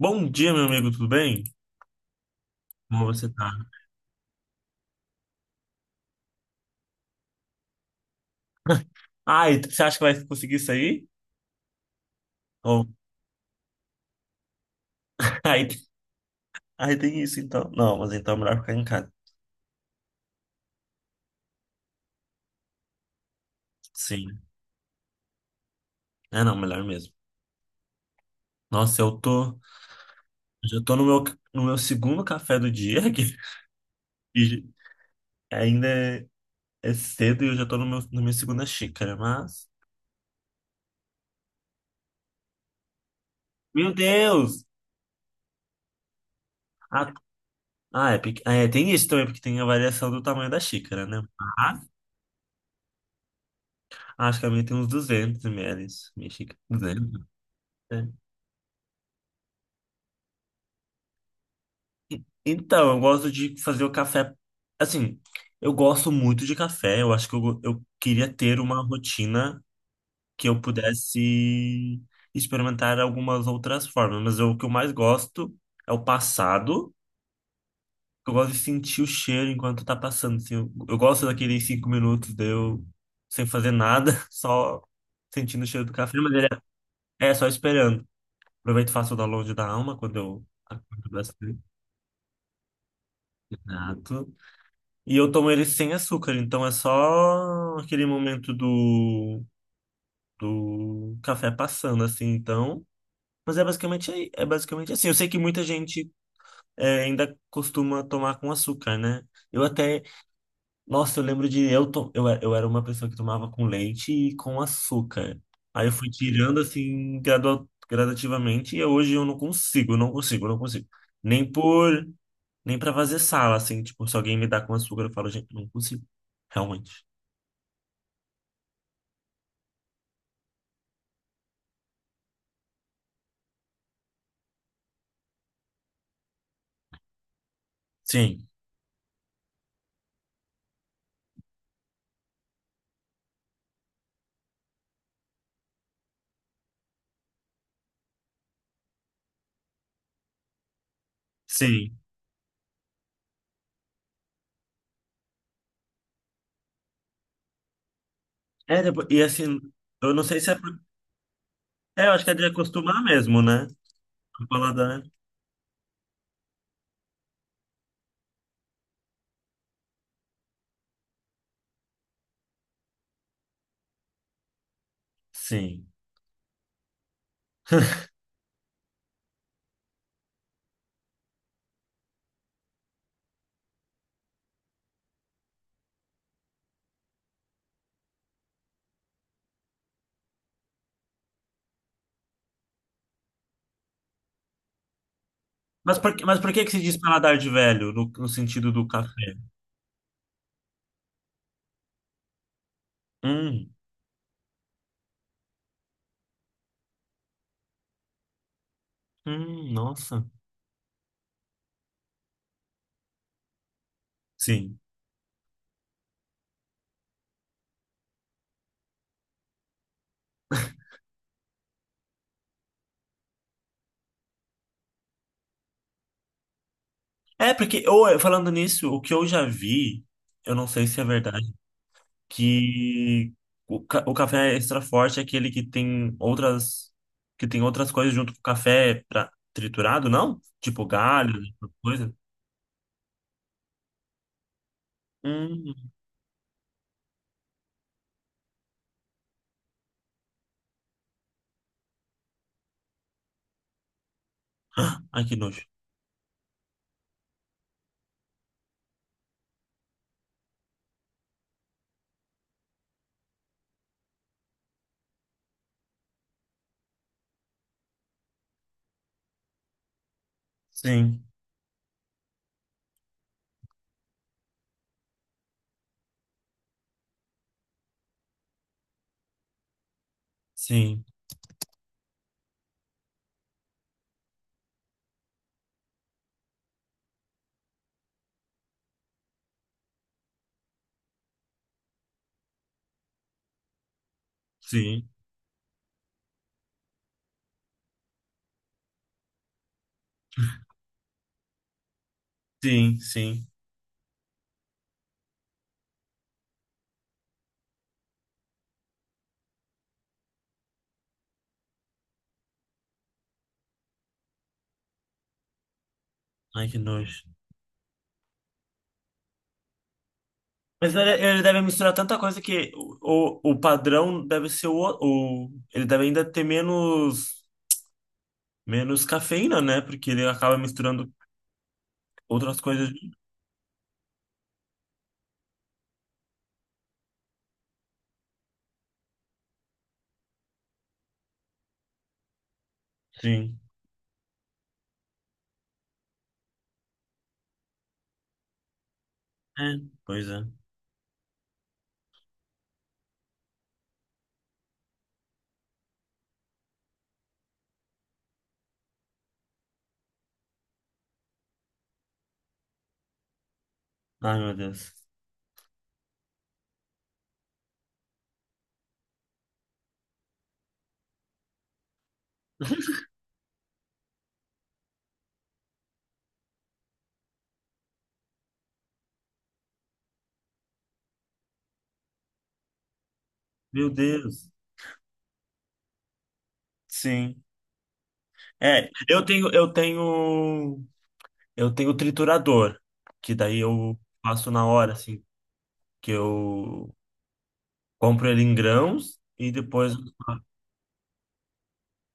Bom dia, meu amigo, tudo bem? Como você tá? Ah, e você acha que vai conseguir sair? Ou... Aí, aí, tem isso, então. Não, mas então é melhor ficar em casa. Sim. É, não, melhor mesmo. Nossa, Já tô no meu segundo café do dia, que e ainda é cedo e eu já tô no meu, na minha segunda xícara, mas... Meu Deus! Ah, é, tem isso também, porque tem a variação do tamanho da xícara, né? Mas acho que a minha tem uns 200 ml. Minha xícara, 200, né? Então, eu gosto de fazer o café. Assim, eu gosto muito de café. Eu acho que eu queria ter uma rotina que eu pudesse experimentar algumas outras formas. O que eu mais gosto é o passado. Eu gosto de sentir o cheiro enquanto tá passando. Assim, eu gosto daqueles 5 minutos de eu sem fazer nada, só sentindo o cheiro do café. Mas ele é só esperando. Aproveito e faço o download da alma quando eu acordo bastante. E eu tomo ele sem açúcar, então é só aquele momento do café passando, assim, então. Mas é basicamente assim. Eu sei que muita gente ainda costuma tomar com açúcar, né? Eu até. Nossa, eu lembro de. Eu era uma pessoa que tomava com leite e com açúcar. Aí eu fui tirando, assim, gradativamente, e hoje eu não consigo, não consigo, não consigo. Nem por. Nem pra fazer sala, assim, tipo, se alguém me dá com açúcar, eu falo, gente, não consigo, realmente. Sim, sim. É, e assim, eu não sei se é por... É, eu acho que é de acostumar mesmo, né? O paladar. Sim. Mas por que que se diz paladar de velho, no sentido do café? Hum, nossa. Sim. É, porque, ou, falando nisso, o que eu já vi, eu não sei se é verdade, que o café extra forte é aquele que tem outras coisas junto com o café pra, triturado, não? Tipo galho, coisa. Hum, ai que nojo. Sim, sim, sim, sim, sim. Ai, que nojo. Mas ele deve misturar tanta coisa que o padrão deve ser o. Ele deve ainda ter menos cafeína, né? Porque ele acaba misturando outras coisas. Sim. É, pois é. Ai, meu Deus. Meu Deus. Sim. É, eu tenho, eu tenho, eu tenho triturador, que daí eu faço na hora, assim, que eu compro ele em grãos e depois.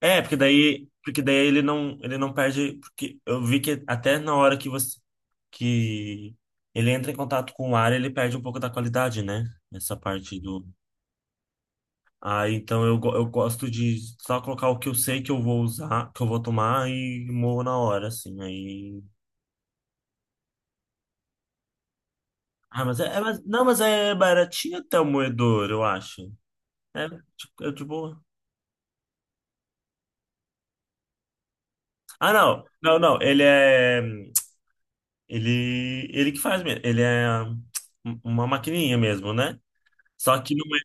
É, porque daí ele não perde, porque eu vi que até na hora que você que ele entra em contato com o ar, ele perde um pouco da qualidade, né? Essa parte do. Ah, então eu gosto de só colocar o que eu sei que eu vou usar, que eu vou tomar e moo na hora, assim. Aí. Ah, mas é, é mas- não, mas é baratinho até o moedor, eu acho. É, tipo, é de boa. Ah, não. Não, não. Ele é. Ele que faz mesmo. Ele é uma maquininha mesmo, né? Só que não é.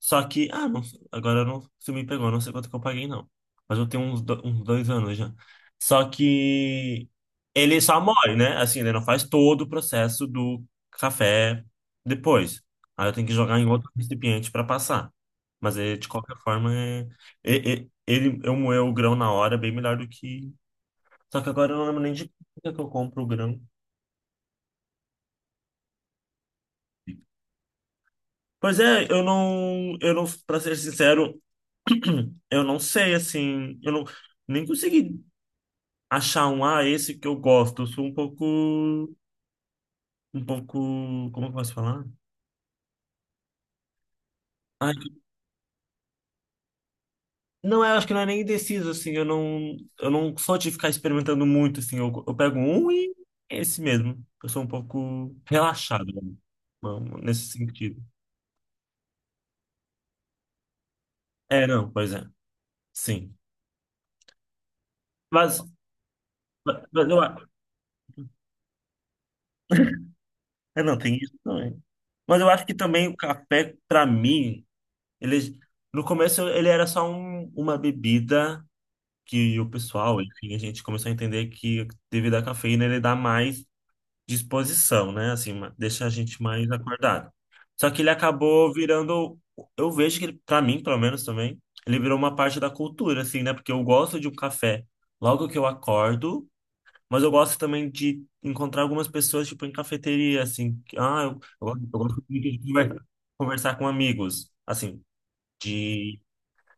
Só que. Ah, não, agora não se me pegou, não sei quanto que eu paguei, não. Mas eu tenho uns 2 anos já. Só que ele só morre, né? Assim, ele não faz todo o processo do café depois. Aí eu tenho que jogar em outro recipiente para passar. Mas ele, de qualquer forma, eu moer o grão na hora é bem melhor do que. Só que agora eu não lembro nem de quanto que eu compro o grão. Pois é, eu não, para ser sincero, eu não sei, assim, eu não, nem consegui achar esse que eu gosto. Eu sou um pouco, como eu posso falar? Ai, não, eu acho que não é nem indeciso, assim, eu não sou de ficar experimentando muito, assim, eu pego um e é esse mesmo. Eu sou um pouco relaxado, né? Não, nesse sentido. É, não, pois é, sim. Mas, mas eu, a- não, tem isso também. Mas eu acho que também o café, pra mim, Ele, no começo ele era só uma bebida que o pessoal, enfim, a gente começou a entender que devido à cafeína ele dá mais disposição, né? Assim, deixa a gente mais acordado. Só que ele acabou virando, eu vejo que ele, para mim, pelo menos também, ele virou uma parte da cultura, assim, né? Porque eu gosto de um café logo que eu acordo, mas eu gosto também de encontrar algumas pessoas, tipo, em cafeteria, assim, que, ah, eu gosto muito de conversar com amigos, assim de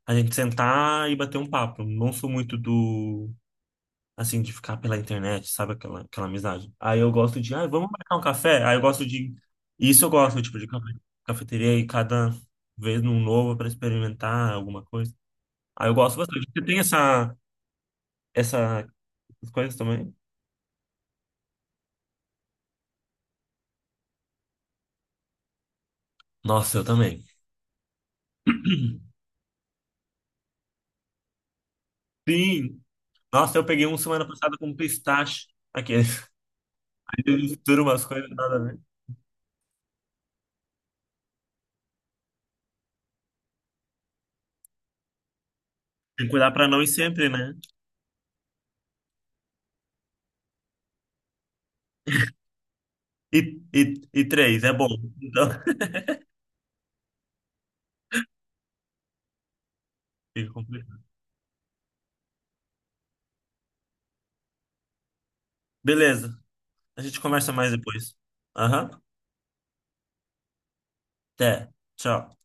a gente sentar e bater um papo. Não sou muito assim, de ficar pela internet, sabe? Aquela amizade. Aí eu gosto de, ah, vamos marcar um café? Aí eu gosto de, Isso eu gosto, tipo, de cafeteria e cada vez num novo para experimentar alguma coisa. Aí eu gosto bastante. Você tem essa, essas coisas também? Nossa, eu também. Sim! Nossa, eu peguei um semana passada com pistache. Aqueles. Aí eu misturo umas coisas nada a ver. Tem que cuidar pra não ir sempre, né? E, e, e três, é bom. Então, Fica complicado. Beleza, a gente conversa mais depois. Aham, até. Tchau.